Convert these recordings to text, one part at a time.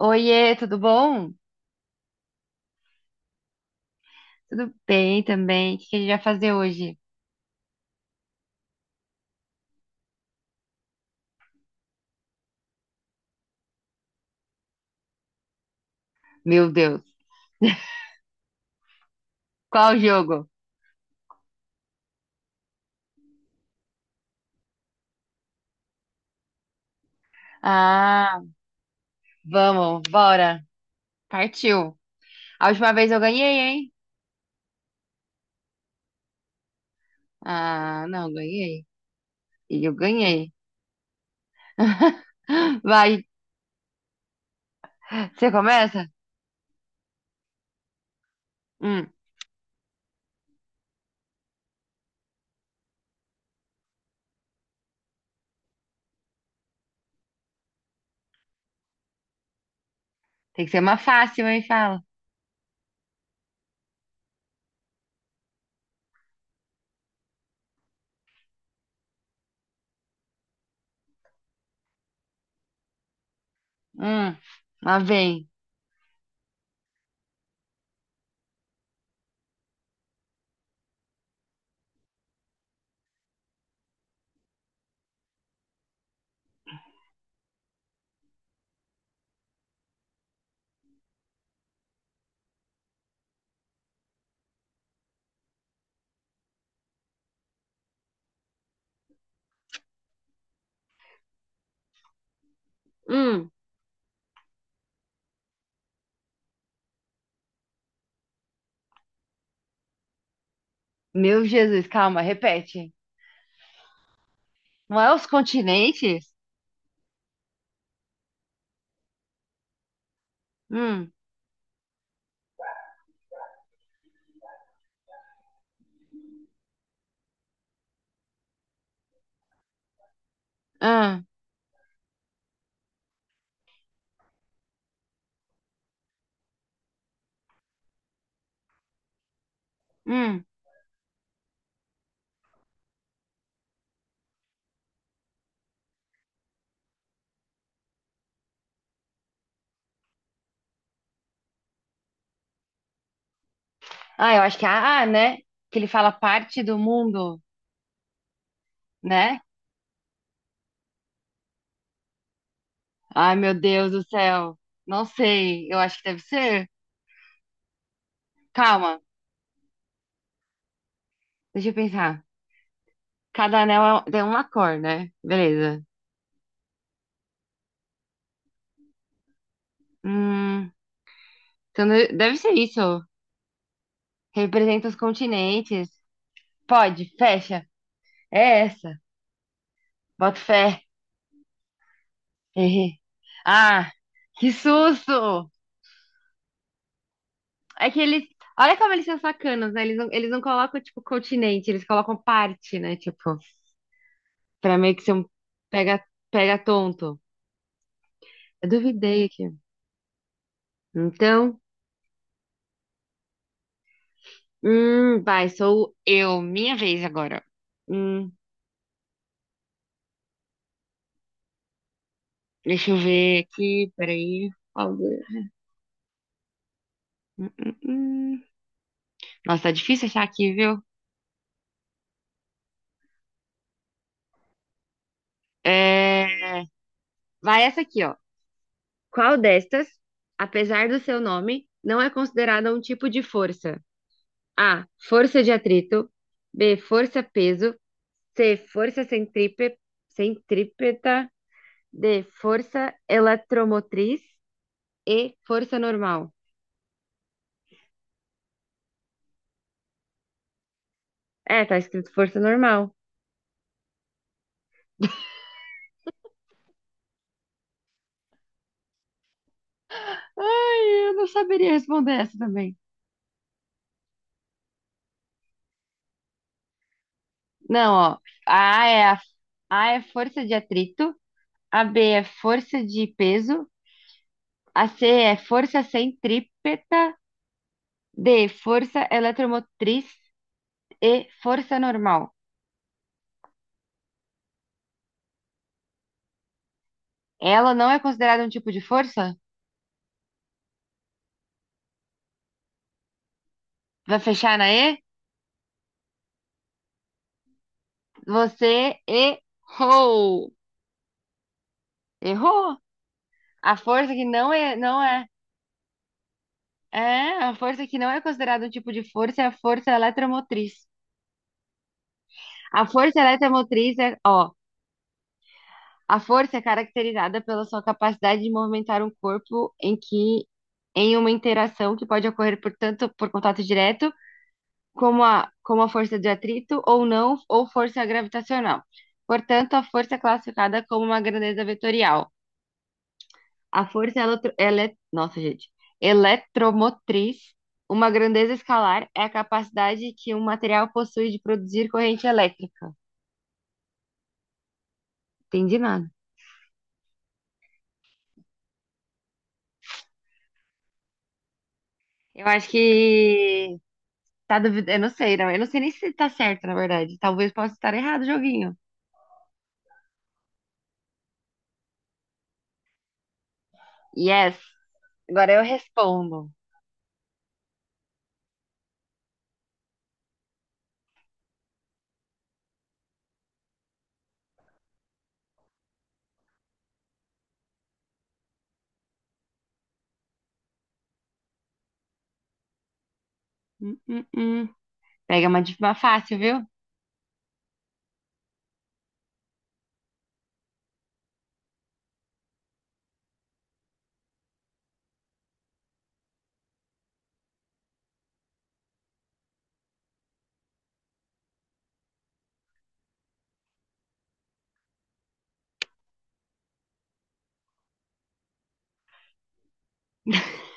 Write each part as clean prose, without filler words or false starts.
Oiê, tudo bom? Tudo bem também. O que a gente vai fazer hoje? Meu Deus, qual jogo? Ah, vamos, bora. Partiu. A última vez eu ganhei, hein? Ah, não, ganhei. E eu ganhei. Vai, você começa? Hum, Tem que ser uma fácil, hein? Fala. Hum, Lá vem. Hum, Meu Jesus, calma, repete. Não é os continentes? Hum, hum, hum. Ah, eu acho que é a A, né? Que ele fala parte do mundo, né? Ai, meu Deus do céu. Não sei. Eu acho que deve ser. Calma, deixa eu pensar. Cada anel é tem uma cor, né? Beleza. Hum, então deve ser isso. Representa os continentes. Pode, fecha. É essa. Bota fé. Errei. Ah, que susto! É que eles. Olha como eles são sacanas, né? Eles não colocam, tipo, continente, eles colocam parte, né? Tipo. Pra meio que ser um pega, pega tonto. Eu duvidei aqui. Então, vai, sou eu. Minha vez agora. Hum, Deixa eu ver aqui, peraí. Qual de- Hum, hum, hum. Nossa, tá difícil achar aqui, viu? É... Vai essa aqui, ó. Qual destas, apesar do seu nome, não é considerada um tipo de força? A. Força de atrito. B. Força peso. C. Força centrípeta. D. Força eletromotriz e força normal. É, tá escrito força normal. Ai, eu não saberia responder essa também. Não, ó. A é, a, a é força de atrito. A B é força de peso. A C é força centrípeta. D, força eletromotriz e força normal. Ela não é considerada um tipo de força? Vai fechar na E? Você errou. Errou. A força que não é, não é. É, a força que não é considerada um tipo de força é a força eletromotriz. A força eletromotriz é, ó, a força é caracterizada pela sua capacidade de movimentar um corpo em que em uma interação que pode ocorrer por tanto por contato direto, como a força de atrito ou não, ou força gravitacional. Portanto, a força é classificada como uma grandeza vetorial. A força é Nossa, gente. Eletromotriz. Uma grandeza escalar é a capacidade que um material possui de produzir corrente elétrica. Entendi nada. Eu acho que tá duvidando. Eu não sei, não. Eu não sei nem se tá certo, na verdade. Talvez possa estar errado o joguinho. Yes. Agora eu respondo. Hum, hum, hum. Pega uma, uma fácil, viu?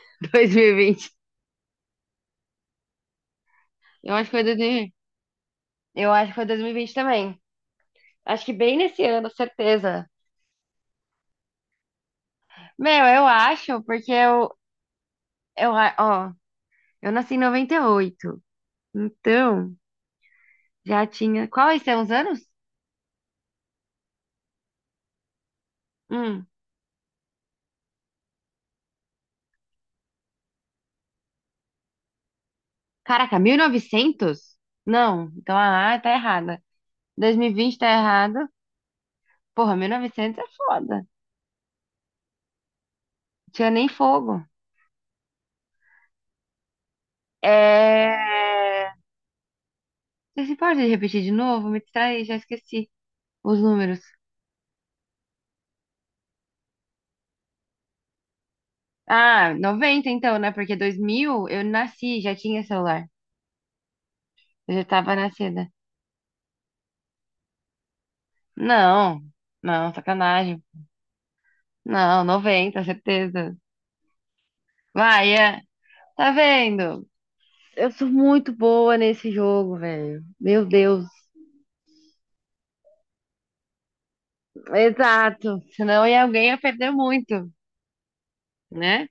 2020. Eu acho que foi 2020. Eu acho que foi 2020 também. Acho que bem nesse ano, certeza. Meu, eu acho, porque eu, ó, eu nasci em 98. Então, já tinha. Quais são os anos? Hum. Caraca, 1900. Não. Então, ah, tá errada. 2020 tá errado. Porra, 1900 é foda. Não tinha nem fogo. É. Você se pode repetir de novo? Me distraí, já esqueci os números. Ah, 90 então, né? Porque 2000 eu nasci, já tinha celular. Eu já tava nascida. Não, não, sacanagem. Não, 90 certeza. Vai, é. Tá vendo? Eu sou muito boa nesse jogo, velho. Meu Deus. Exato. Senão alguém ia perder muito, né?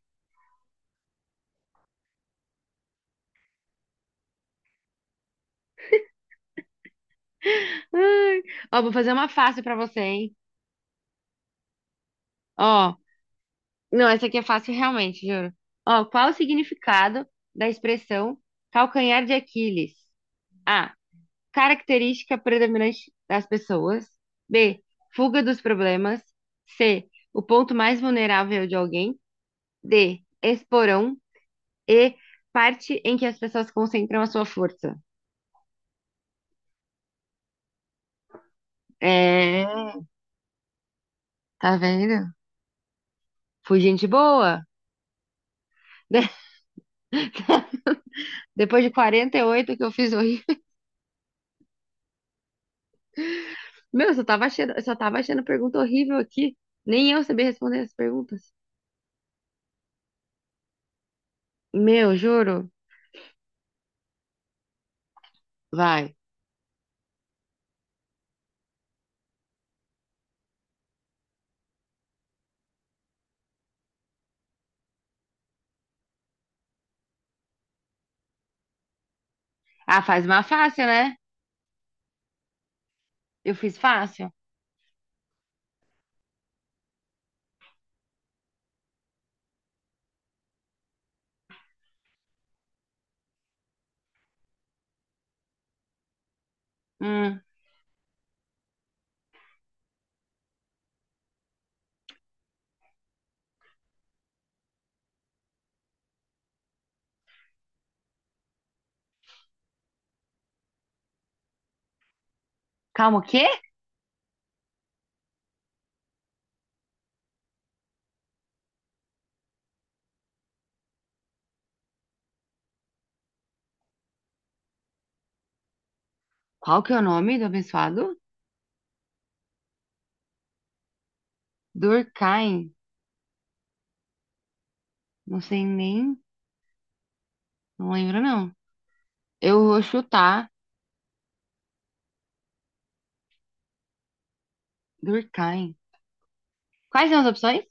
Ai. Ó, vou fazer uma fácil pra você, hein? Ó, não, essa aqui é fácil realmente, juro. Ó, qual o significado da expressão calcanhar de Aquiles? A. Característica predominante das pessoas. B. Fuga dos problemas. C. O ponto mais vulnerável de alguém. D. Esporão. E parte em que as pessoas concentram a sua força. É, tá vendo? Fui gente boa. De- Depois de 48 que eu fiz horrível. Meu, eu só tava achando pergunta horrível aqui. Nem eu sabia responder as perguntas. Meu, juro. Vai. Ah, faz uma fácil, né? Eu fiz fácil. Hum. Calma, o quê? Qual que é o nome do abençoado? Durkheim. Não sei nem. Não lembro, não. Eu vou chutar Durkheim. Quais são as opções?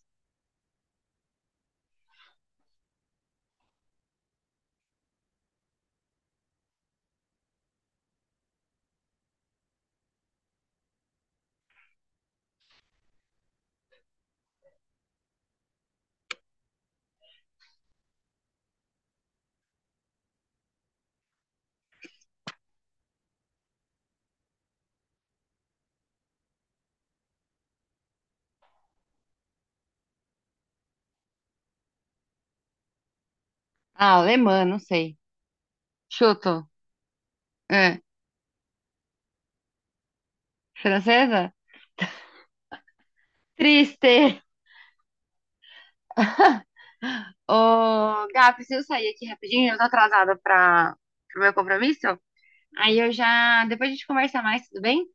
Ah, alemã, não sei. Chuto. É. Francesa? Triste. Ô, Gá, preciso sair aqui rapidinho. Eu tô atrasada para o meu compromisso. Aí eu já. Depois a gente conversa mais, tudo bem?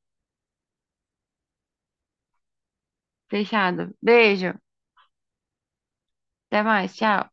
Fechado. Beijo. Até mais. Tchau.